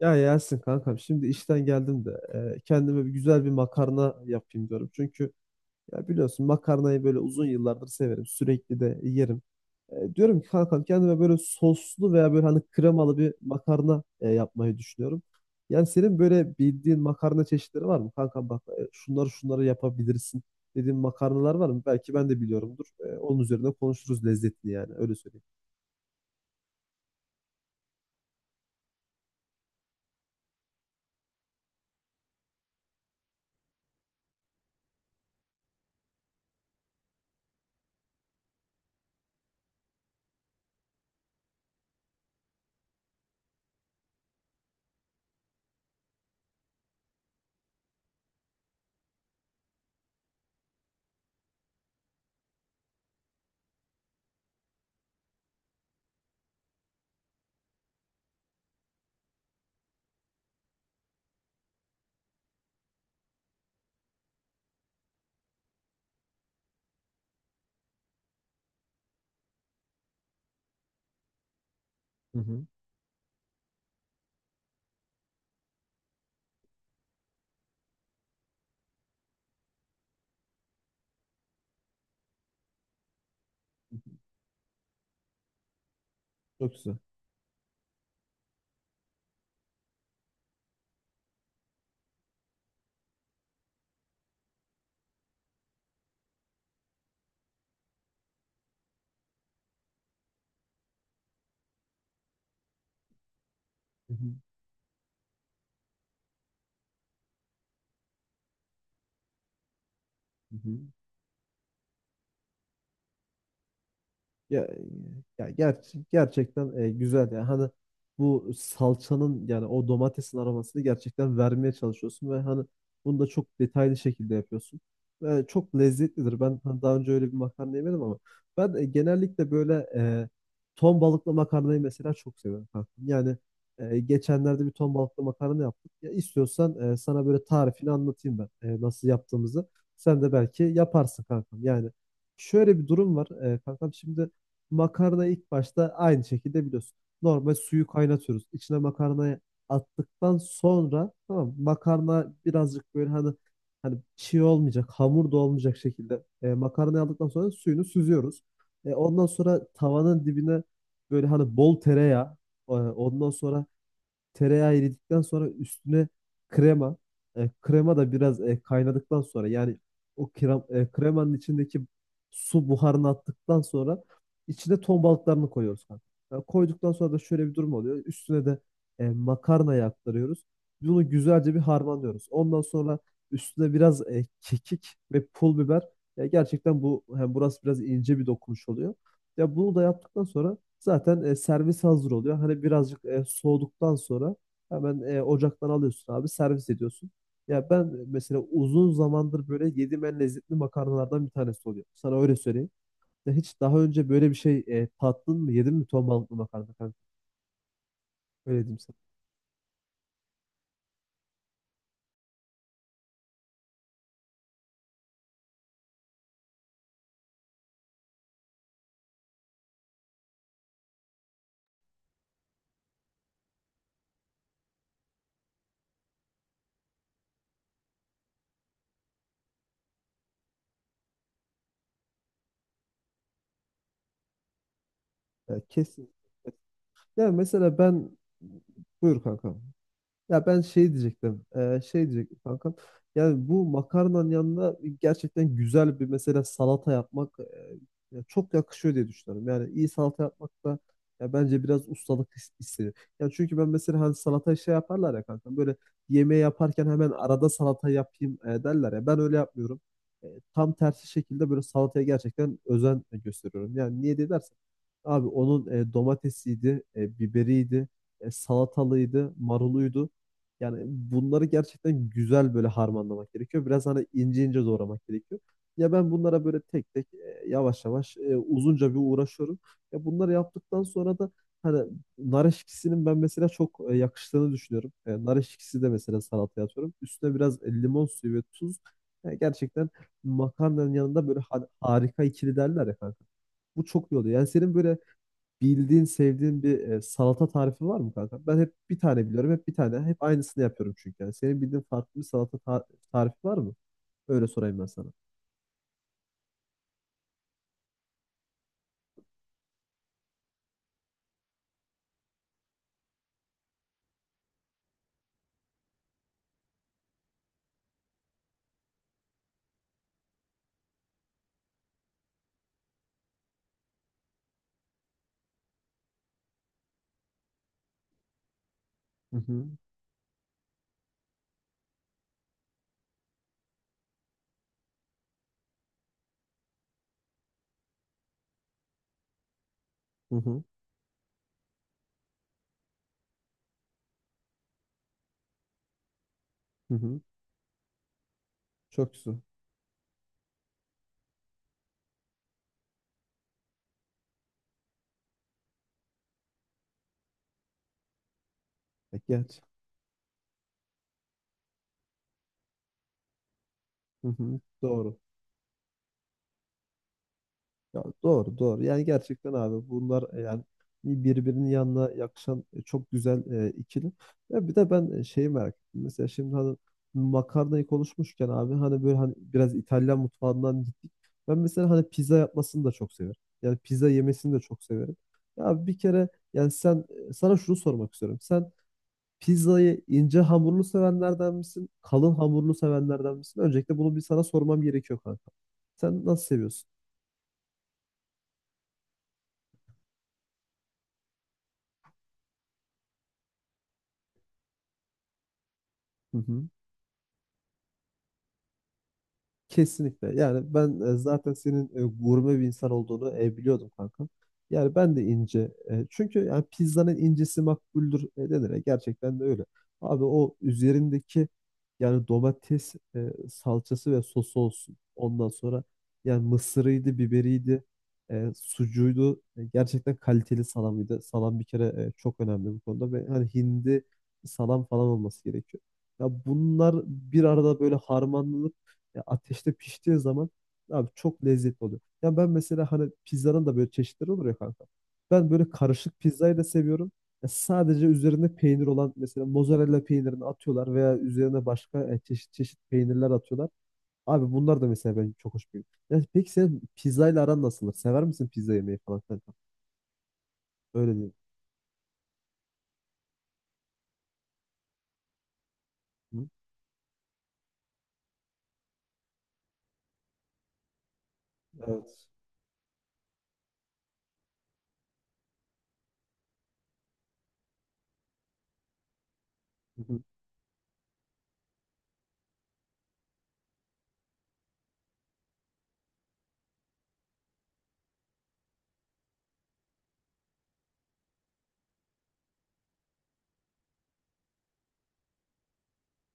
Ya Yasin kankam şimdi işten geldim de kendime bir güzel bir makarna yapayım diyorum. Çünkü ya biliyorsun makarnayı böyle uzun yıllardır severim. Sürekli de yerim. Diyorum ki kankam kendime böyle soslu veya böyle hani kremalı bir makarna yapmayı düşünüyorum. Yani senin böyle bildiğin makarna çeşitleri var mı? Kankam bak şunları yapabilirsin dediğin makarnalar var mı? Belki ben de biliyorumdur. Onun üzerine konuşuruz lezzetini yani öyle söyleyeyim. Hı hı. Çok güzel. Hı hı. Hı hı. Ya, ya gerçekten güzel ya. Hani bu salçanın yani o domatesin aromasını gerçekten vermeye çalışıyorsun ve hani bunu da çok detaylı şekilde yapıyorsun. Ve çok lezzetlidir. Ben hani daha önce öyle bir makarna yemedim ama ben genellikle böyle ton balıklı makarnayı mesela çok seviyorum kankam. Yani geçenlerde bir ton balıklı makarna yaptık. Ya istiyorsan sana böyle tarifini anlatayım ben nasıl yaptığımızı. Sen de belki yaparsın kankam. Yani şöyle bir durum var. Kankam şimdi makarna ilk başta aynı şekilde biliyorsun. Normal suyu kaynatıyoruz. İçine makarnayı attıktan sonra, tamam mı? Makarna birazcık böyle hani hani çiğ olmayacak, hamur da olmayacak şekilde makarnayı aldıktan sonra suyunu süzüyoruz. Ondan sonra tavanın dibine böyle hani bol tereyağı, e, ondan sonra tereyağı eridikten sonra üstüne krema. Krema da biraz kaynadıktan sonra yani kremanın içindeki su buharını attıktan sonra içine ton balıklarını koyuyoruz kanka. Yani koyduktan sonra da şöyle bir durum oluyor. Üstüne de makarnayı aktarıyoruz. Bunu güzelce bir harmanlıyoruz. Ondan sonra üstüne biraz kekik ve pul biber. Ya gerçekten bu hem burası biraz ince bir dokunuş oluyor. Ya bunu da yaptıktan sonra zaten servis hazır oluyor. Hani birazcık soğuduktan sonra hemen ocaktan alıyorsun abi, servis ediyorsun. Ya ben mesela uzun zamandır böyle yediğim en lezzetli makarnalardan bir tanesi oluyor. Sana öyle söyleyeyim. Ya hiç daha önce böyle bir şey tattın mı? Yedin mi ton balıklı makarna kanka? Öyle diyeyim sana. Ya kesin. Ya mesela ben buyur kanka. Ya ben şey diyecektim. Şey diyecektim kankam. Yani bu makarnanın yanında gerçekten güzel bir mesela salata yapmak, ya çok yakışıyor diye düşünüyorum. Yani iyi salata yapmak da ya bence biraz ustalık istiyor. Ya çünkü ben mesela hani salata şey yaparlar ya kankam. Böyle yemeği yaparken hemen arada salata yapayım derler ya. Ben öyle yapmıyorum. E, Tam tersi şekilde böyle salataya gerçekten özen gösteriyorum. Yani niye diye dersen abi onun domatesiydi, biberiydi, salatalıydı, maruluydu. Yani bunları gerçekten güzel böyle harmanlamak gerekiyor. Biraz hani ince ince doğramak gerekiyor. Ya ben bunlara böyle tek tek yavaş yavaş uzunca bir uğraşıyorum. Ya bunları yaptıktan sonra da hani nar eşkisinin ben mesela çok yakıştığını düşünüyorum. Nar eşkisi de mesela salataya atıyorum. Üstüne biraz limon suyu ve tuz. Yani gerçekten makarnanın yanında böyle harika ikili derler ya kanka. Bu çok iyi oluyor. Yani senin böyle bildiğin, sevdiğin bir salata tarifi var mı kanka? Ben hep bir tane biliyorum, hep bir tane. Hep aynısını yapıyorum çünkü. Yani senin bildiğin farklı bir salata tarifi var mı? Öyle sorayım ben sana. Hı hı. Hı hı. Hı hı. Çok güzel. Geç. Hı hı. Doğru. Ya doğru doğru. Yani gerçekten abi bunlar yani birbirinin yanına yakışan çok güzel ikili. Ya bir de ben şeyi merak ettim. Mesela şimdi hani makarnayı konuşmuşken abi hani böyle hani biraz İtalyan mutfağından gittik. Ben mesela hani pizza yapmasını da çok severim. Yani pizza yemesini de çok severim. Ya bir kere yani sana şunu sormak istiyorum. Sen pizzayı ince hamurlu sevenlerden misin? Kalın hamurlu sevenlerden misin? Öncelikle bunu bir sana sormam gerekiyor kanka. Sen nasıl seviyorsun? Hı hı. Kesinlikle. Yani ben zaten senin gurme bir insan olduğunu biliyordum kankam. Yani ben de ince. Çünkü yani pizzanın incesi makbuldür denir. Gerçekten de öyle. Abi o üzerindeki yani domates salçası ve sosu olsun. Ondan sonra yani mısırıydı, biberiydi, sucuğuydu. Gerçekten kaliteli salamıydı. Salam bir kere çok önemli bu konuda ve hani hindi salam falan olması gerekiyor. Ya bunlar bir arada böyle harmanlanır ya ateşte piştiği zaman abi çok lezzetli oluyor. Ya ben mesela hani pizzanın da böyle çeşitleri olur ya kanka. Ben böyle karışık pizzayı da seviyorum. Ya sadece üzerinde peynir olan mesela mozzarella peynirini atıyorlar veya üzerine başka çeşit çeşit peynirler atıyorlar. Abi bunlar da mesela benim çok hoş geliyor. Ya peki sen pizzayla aran nasıldır? Sever misin pizza yemeyi falan kanka? Öyle diyeyim. Hı? Evet. Hı hı.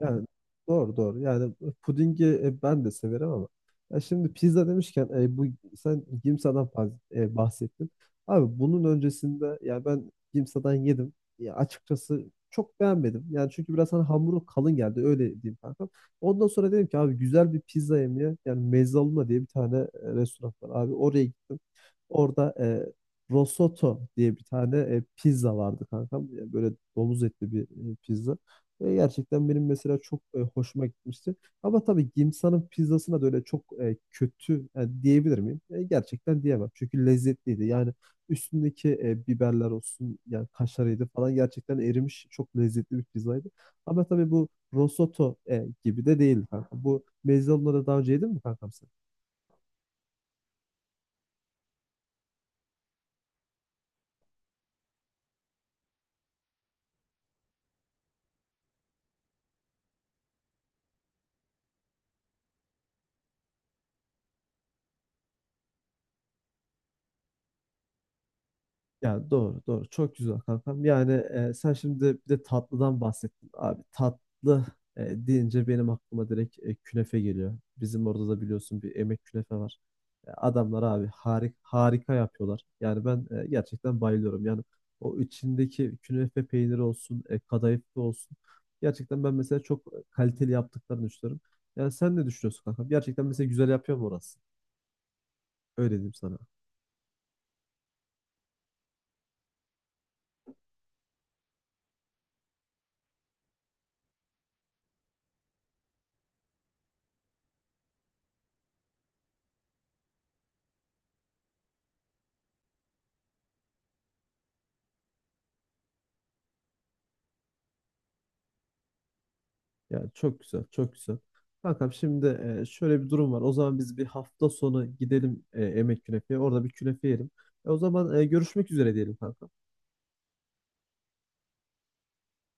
Yani doğru doğru. Yani pudingi ben de severim ama ya şimdi pizza demişken bu sen Gimsa'dan bahsettin. Abi bunun öncesinde ya ben Gimsa'dan yedim. Ya açıkçası çok beğenmedim. Yani çünkü biraz hani hamuru kalın geldi öyle diyeyim kankam. Ondan sonra dedim ki abi güzel bir pizza yemeye yani Mezzaluna diye bir tane restoran var abi oraya gittim. Orada Rosoto diye bir tane pizza vardı kankam. Böyle domuz etli bir pizza. Gerçekten benim mesela çok hoşuma gitmişti. Ama tabii Gimsa'nın pizzasına da öyle çok kötü diyebilir miyim? Gerçekten diyemem. Çünkü lezzetliydi. Yani üstündeki biberler olsun yani kaşarıydı falan gerçekten erimiş çok lezzetli bir pizzaydı. Ama tabii bu Rosoto gibi de değildi kanka. Bu mezze onları daha önce yedin mi kankam sen? Ya doğru doğru, çok güzel kankam. Yani sen şimdi bir de tatlıdan bahsettin abi. Tatlı deyince benim aklıma direkt künefe geliyor. Bizim orada da biliyorsun bir Emek Künefe var. Adamlar abi harika yapıyorlar. Yani ben gerçekten bayılıyorum. Yani o içindeki künefe peyniri olsun, kadayıflı olsun. Gerçekten ben mesela çok kaliteli yaptıklarını düşünüyorum. Yani sen ne düşünüyorsun kankam? Gerçekten mesela güzel yapıyor mu orası? Öyle diyeyim sana. Ya çok güzel, çok güzel. Kankam şimdi şöyle bir durum var. O zaman biz bir hafta sonu gidelim Emek Künefe'ye. Orada bir künefe yiyelim. O zaman görüşmek üzere diyelim kankam.